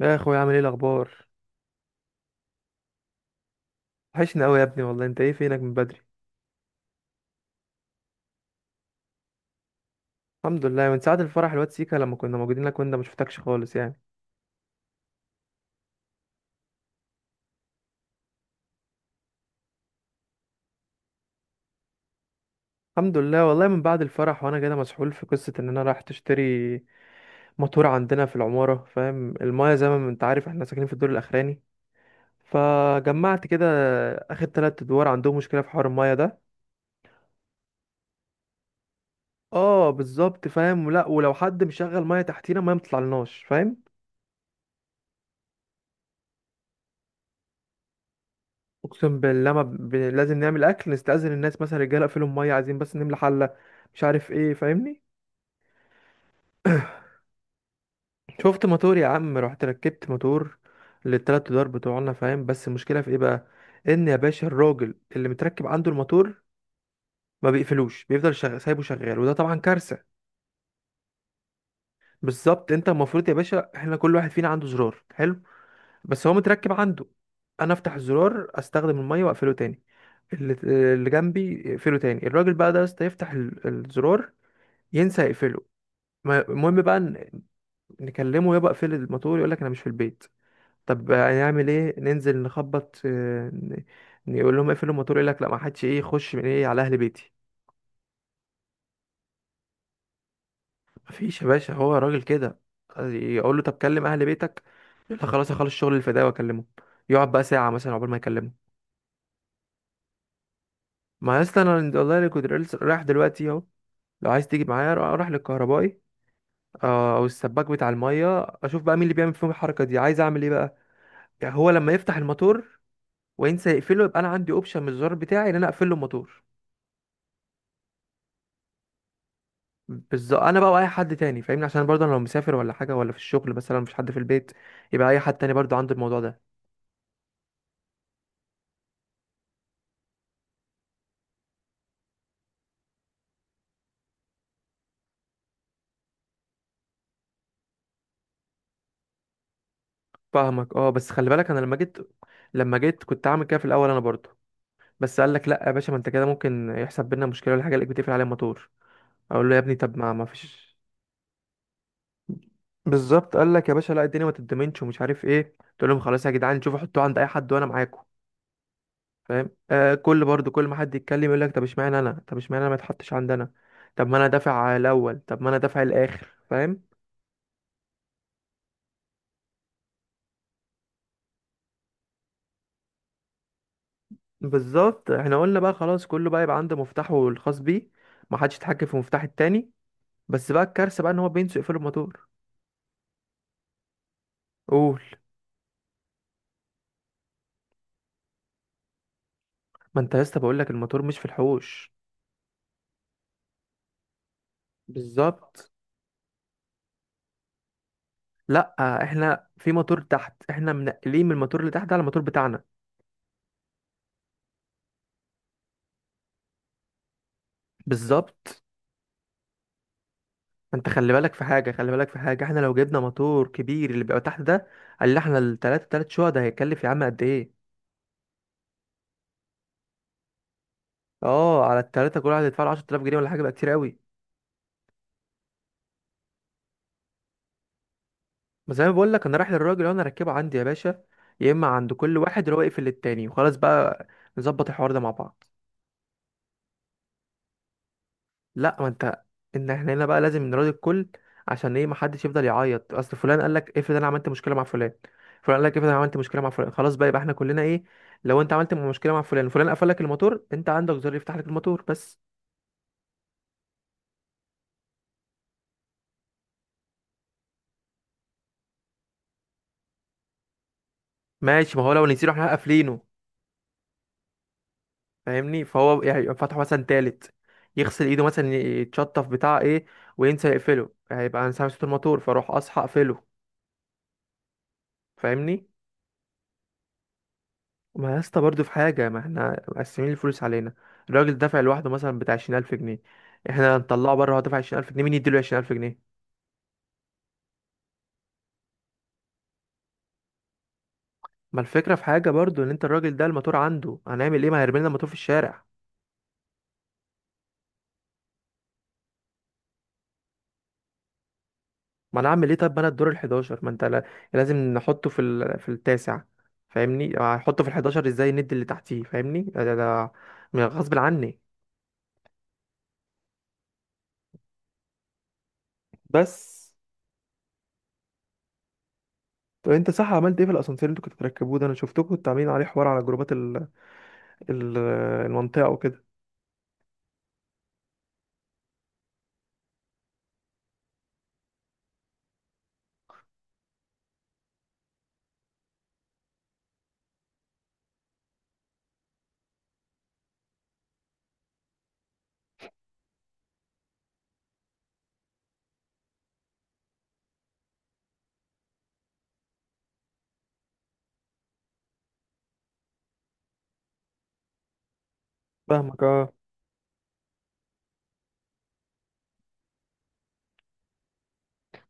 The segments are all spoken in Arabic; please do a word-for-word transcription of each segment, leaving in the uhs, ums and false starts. يا اخويا، عامل ايه الاخبار؟ وحشني قوي يا ابني، والله انت ايه فينك من بدري؟ الحمد لله، من ساعه الفرح الواد سيكا لما كنا موجودين لك وانت ما شفتكش خالص يعني. الحمد لله والله، من بعد الفرح وانا كده مسحول في قصه ان انا رايح تشتري موتور عندنا في العماره، فاهم؟ المايه زي ما انت عارف احنا ساكنين في الدور الاخراني. فجمعت كده اخر تلات ادوار عندهم مشكله في حوار المايه ده. اه بالظبط فاهم. لا ولو حد مشغل مايه تحتينا ما بتطلعلناش، فاهم؟ اقسم بالله ما ب... لازم نعمل اكل نستأذن الناس مثلا، رجاله اقفلوا الميه عايزين بس نملى حله. مش عارف ايه، فاهمني؟ شفت موتور يا عم، رحت ركبت موتور للتلات ادوار بتوعنا، فاهم؟ بس المشكله في ايه بقى؟ ان يا باشا الراجل اللي متركب عنده الموتور ما بيقفلوش، بيفضل شغ... سايبه شغال، وده طبعا كارثه. بالظبط، انت المفروض يا باشا احنا كل واحد فينا عنده زرار حلو، بس هو متركب عنده. انا افتح الزرار استخدم الميه واقفله تاني. اللي, اللي جنبي يقفله تاني. الراجل بقى ده يا اسطى يفتح ال- الزرار، ينسى يقفله. ما- المهم بقى ن- نكلمه يبقى اقفل الموتور، يقول لك انا مش في البيت. طب هنعمل ايه؟ ننزل نخبط، آه، ن- نقول لهم اقفلوا الموتور، يقول لك لا، ما حدش ايه يخش من ايه على اهل بيتي. مفيش يا باشا، هو راجل كده. يقول له طب كلم اهل بيتك، يقول لك خلاص اخلص شغل الفداء واكلمه. يقعد بقى ساعه مثلا عقبال ما يكلمه. ما يا اسطى انا والله اللي كنت لسه رايح دلوقتي اهو. لو عايز تيجي معايا روح روح للكهربائي، آه، او السباك بتاع الميه، اشوف بقى مين اللي بيعمل فيهم الحركه دي، عايز اعمل ايه بقى. يعني هو لما يفتح الموتور وانسى يقفله، يبقى انا عندي اوبشن من الزرار بتاعي ان انا اقفل له الموتور. بالظبط، انا بقى واي حد تاني، فاهمني؟ عشان برضه انا لو مسافر ولا حاجه ولا في الشغل مثلا، مفيش حد في البيت، يبقى اي حد تاني برضه عنده الموضوع ده. فاهمك اه. بس خلي بالك، انا لما جيت لما جيت كنت عامل كده في الاول انا برضه. بس قال لك لا يا باشا، ما انت كده ممكن يحصل بينا مشكله ولا حاجه، الاقيك بتقفل عليه الموتور. اقول له يا ابني، طب ما ما فيش. بالظبط قال لك يا باشا لا، الدنيا ما تتضمنش ومش عارف ايه. قلت لهم خلاص يا جدعان، شوفوا حطوه عند اي حد وانا معاكم، فاهم. آه كل برضو كل ما حد يتكلم يقول لك طب اشمعنى انا، طب اشمعنى انا ما اتحطش عندنا. طب ما انا دافع الاول، طب ما انا دافع الاخر، فاهم؟ بالظبط، احنا قلنا بقى خلاص كله بقى يبقى عنده مفتاحه الخاص بيه، ما حدش يتحكم في مفتاح التاني. بس بقى الكارثه بقى ان هو بينسوا يقفلوا الموتور. قول. ما انت يا اسطى بقول لك الموتور مش في الحوش. بالظبط. لا احنا في موتور تحت، احنا منقلين من الموتور اللي تحت على الموتور بتاعنا. بالظبط. انت خلي بالك في حاجه، خلي بالك في حاجه، احنا لو جبنا موتور كبير اللي بيبقى تحت ده، قال لي احنا التلاته تلات شقق ده هيكلف يا عم قد ايه؟ اه على التلاته كل واحد يدفع له عشر تلاف جنيه ولا حاجه، بقى كتير قوي. بس زي ما بقول لك، انا رايح للراجل وانا اركبه عندي يا باشا، يا اما عند كل واحد اللي هو يقفل للتاني وخلاص بقى، نظبط الحوار ده مع بعض. لا، ما انت، ان احنا هنا بقى لازم نراضي الكل. عشان ايه؟ ما حدش يفضل يعيط. اصل فلان قال لك افرض انا عملت مشكله مع فلان، فلان قال لك افرض انا عملت مشكله مع فلان، خلاص بقى يبقى احنا كلنا ايه. لو انت عملت مشكله مع فلان، فلان قفل لك الموتور، انت عندك زر يفتح لك الموتور بس. ماشي، ما هو لو نسينا احنا قافلينه، فاهمني؟ فهو يعني يبقى فتحه مثلا تالت، يغسل ايده مثلا، يتشطف بتاع ايه وينسى يقفله، هيبقى انا سامع صوت الموتور، فاروح اصحى اقفله، فاهمني؟ ما يا اسطى برضه في حاجة، ما احنا مقسمين الفلوس علينا. الراجل دافع لوحده مثلا بتاع عشرين ألف جنيه، احنا هنطلعه بره، هو دافع عشرين ألف جنيه، مين يديله عشرين ألف جنيه؟ ما الفكرة في حاجة برضه، ان انت الراجل ده الموتور عنده، هنعمل ايه؟ ما هيرمي لنا الموتور في الشارع. ما انا اعمل ايه؟ طب ما انا الدور الحداشر، ما انت لا- لازم نحطه في ال... في التاسع، فاهمني؟ هحطه في الحداشر ازاي ندي اللي تحتيه، فاهمني؟ ده, ده ده غصب عني. بس، طب انت صح عملت ايه في الاسانسير اللي انتوا كنتوا بتركبوه ده؟ انا شفتكم كنتوا عاملين عليه حوار على جروبات ال... ال... المنطقة وكده. فاهمك اه.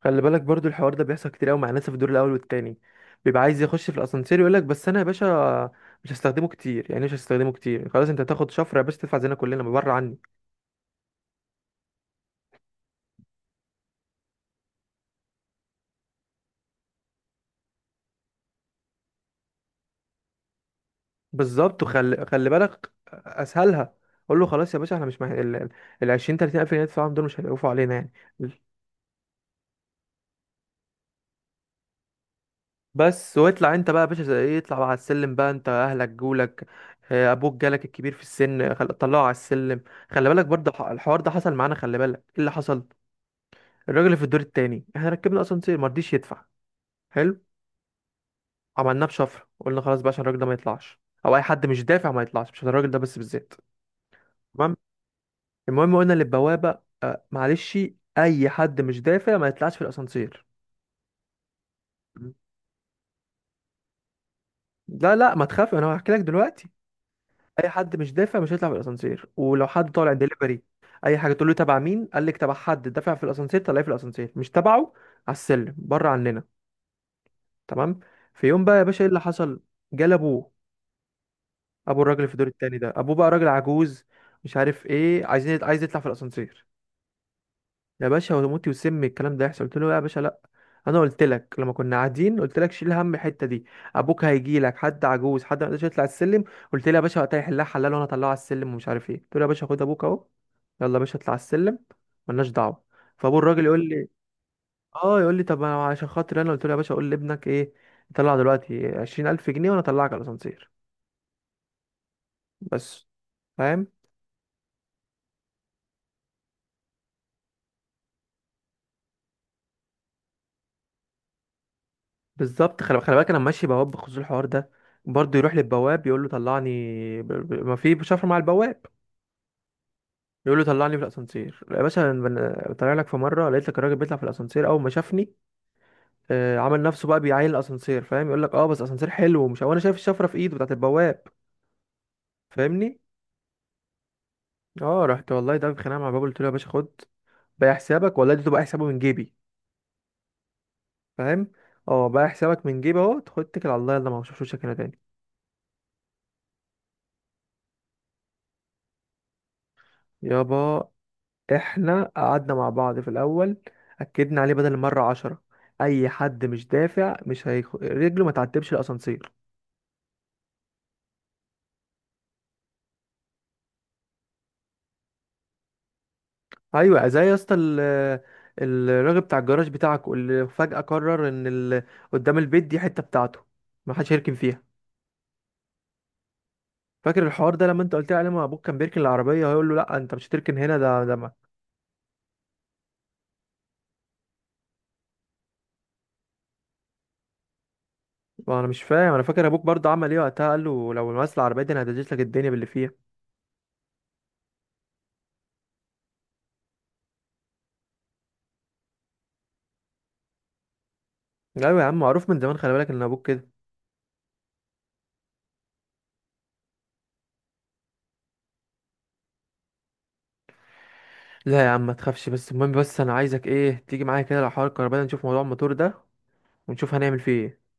خلي بالك برضو الحوار ده بيحصل كتير قوي مع ناس في الدور الاول والتاني، بيبقى عايز يخش في الاسانسير، يقول لك بس انا يا باشا مش هستخدمه كتير يعني مش هستخدمه كتير. خلاص، انت هتاخد شفره يا باشا، تدفع زينا كلنا بره عني. بالظبط. وخلي خلي بالك اسهلها، قول له خلاص يا باشا، احنا مش مح... ال ال- ال عشرين تلاتين الف جنيه تدفعهم دول مش هيقفوا علينا يعني. بس واطلع انت بقى يا باشا زي ايه، اطلع بقى على السلم بقى، انت اهلك جولك، آه، ابوك جالك الكبير في السن، خل... طلعه على السلم. خلي بالك برضه الح- الحوار ده حصل معانا، خلي بالك ايه اللي حصل. الراجل اللي في الدور التاني احنا ركبنا اسانسير ما رضيش يدفع. حلو. عملناه بشفره، قلنا خلاص بقى عشان الراجل ده ما يطلعش، او اي حد مش دافع ما يطلعش، مش عشان الراجل ده بس بالذات. تمام. المهم قلنا للبوابه، آه معلش، اي حد مش دافع ما يطلعش في الاسانسير. مم. لا لا، ما تخاف، انا هحكي لك دلوقتي. اي حد مش دافع مش هيطلع في الاسانسير. ولو حد طالع دليفري اي حاجه، تقول له تبع مين، قال لك تبع حد دافع في الاسانسير طلعيه في الاسانسير، مش تبعه على السلم بره عننا. تمام. في يوم بقى يا باشا ايه اللي حصل؟ جال ابوه. ابو الراجل اللي في الدور التاني ده، ابوه بقى راجل عجوز، مش عارف ايه، عايزين عايز يطلع في الاسانسير. يا باشا، وموتي وسمي الكلام ده يحصل، قلت له لا يا باشا لا، انا قلت لك لما كنا قاعدين قلت لك شيل هم الحته دي، ابوك هيجي لك حد عجوز، حد ما يقدرش يطلع السلم. قلت لي يا باشا وقتها يحلها حلال، وانا اطلعه على السلم ومش عارف ايه. قلت له يا باشا خد ابوك اهو، يلا يا باشا اطلع على السلم، ملناش دعوه. فابو الراجل يقول لي اه. يقول لي طب أنا عشان خاطر، انا قلت له يا باشا قول لابنك ايه يطلع دلوقتي عشرين الف جنيه وانا اطلعك على الاسانسير. بس، فاهم؟ بالظبط. خلي خلي بالك انا ماشي بواب بخصوص الحوار ده برضه، يروح للبواب يقول له طلعني. ب... ب... ما في بشفرة مع البواب. يقول له طلعني في الاسانسير يا باشا. أنا بن- طالع لك في مره، لقيت لك الراجل بيطلع في الاسانسير. اول ما شافني، آه، عمل نفسه بقى بيعاين الاسانسير، فاهم؟ يقول لك اه بس اسانسير حلو ومش، وانا شايف الشفره في ايده بتاعت البواب، فاهمني؟ اه رحت والله ده بخناقه مع الباب، قلت له يا باشا خد بقى حسابك، والله ده بقى حسابه من جيبي، فاهم؟ اه بقى حسابك من جيبي اهو، خد اتكل على الله يلا، ما بشوفوش هنا تاني. يابا احنا قعدنا مع بعض في الاول، اكدنا عليه بدل المره عشرة، اي حد مش دافع مش هيخ... رجله ما تعتبش الاسانسير. ايوه زي يا اسطى ال- الراجل بتاع الجراج بتاعك اللي فجاه قرر ان ال... قدام البيت دي حته بتاعته، ما حدش هيركن فيها. فاكر الحوار ده لما انت قلت لي عليه، ما ابوك كان بيركن العربيه، هيقول له لا انت مش هتركن هنا ده ده، ما ما انا مش فاهم. انا فاكر ابوك برضه عمل ايه وقتها، قال له لو مثلا العربيه دي انا هدجس لك الدنيا باللي فيها. ايوه يا عم، معروف من زمان، خلي بالك ان ابوك كده. لا يا عم ما تخافش، بس المهم، بس انا عايزك ايه تيجي معايا كده، لو حوار الكهرباء ده نشوف موضوع الموتور ده ونشوف هنعمل فيه ايه.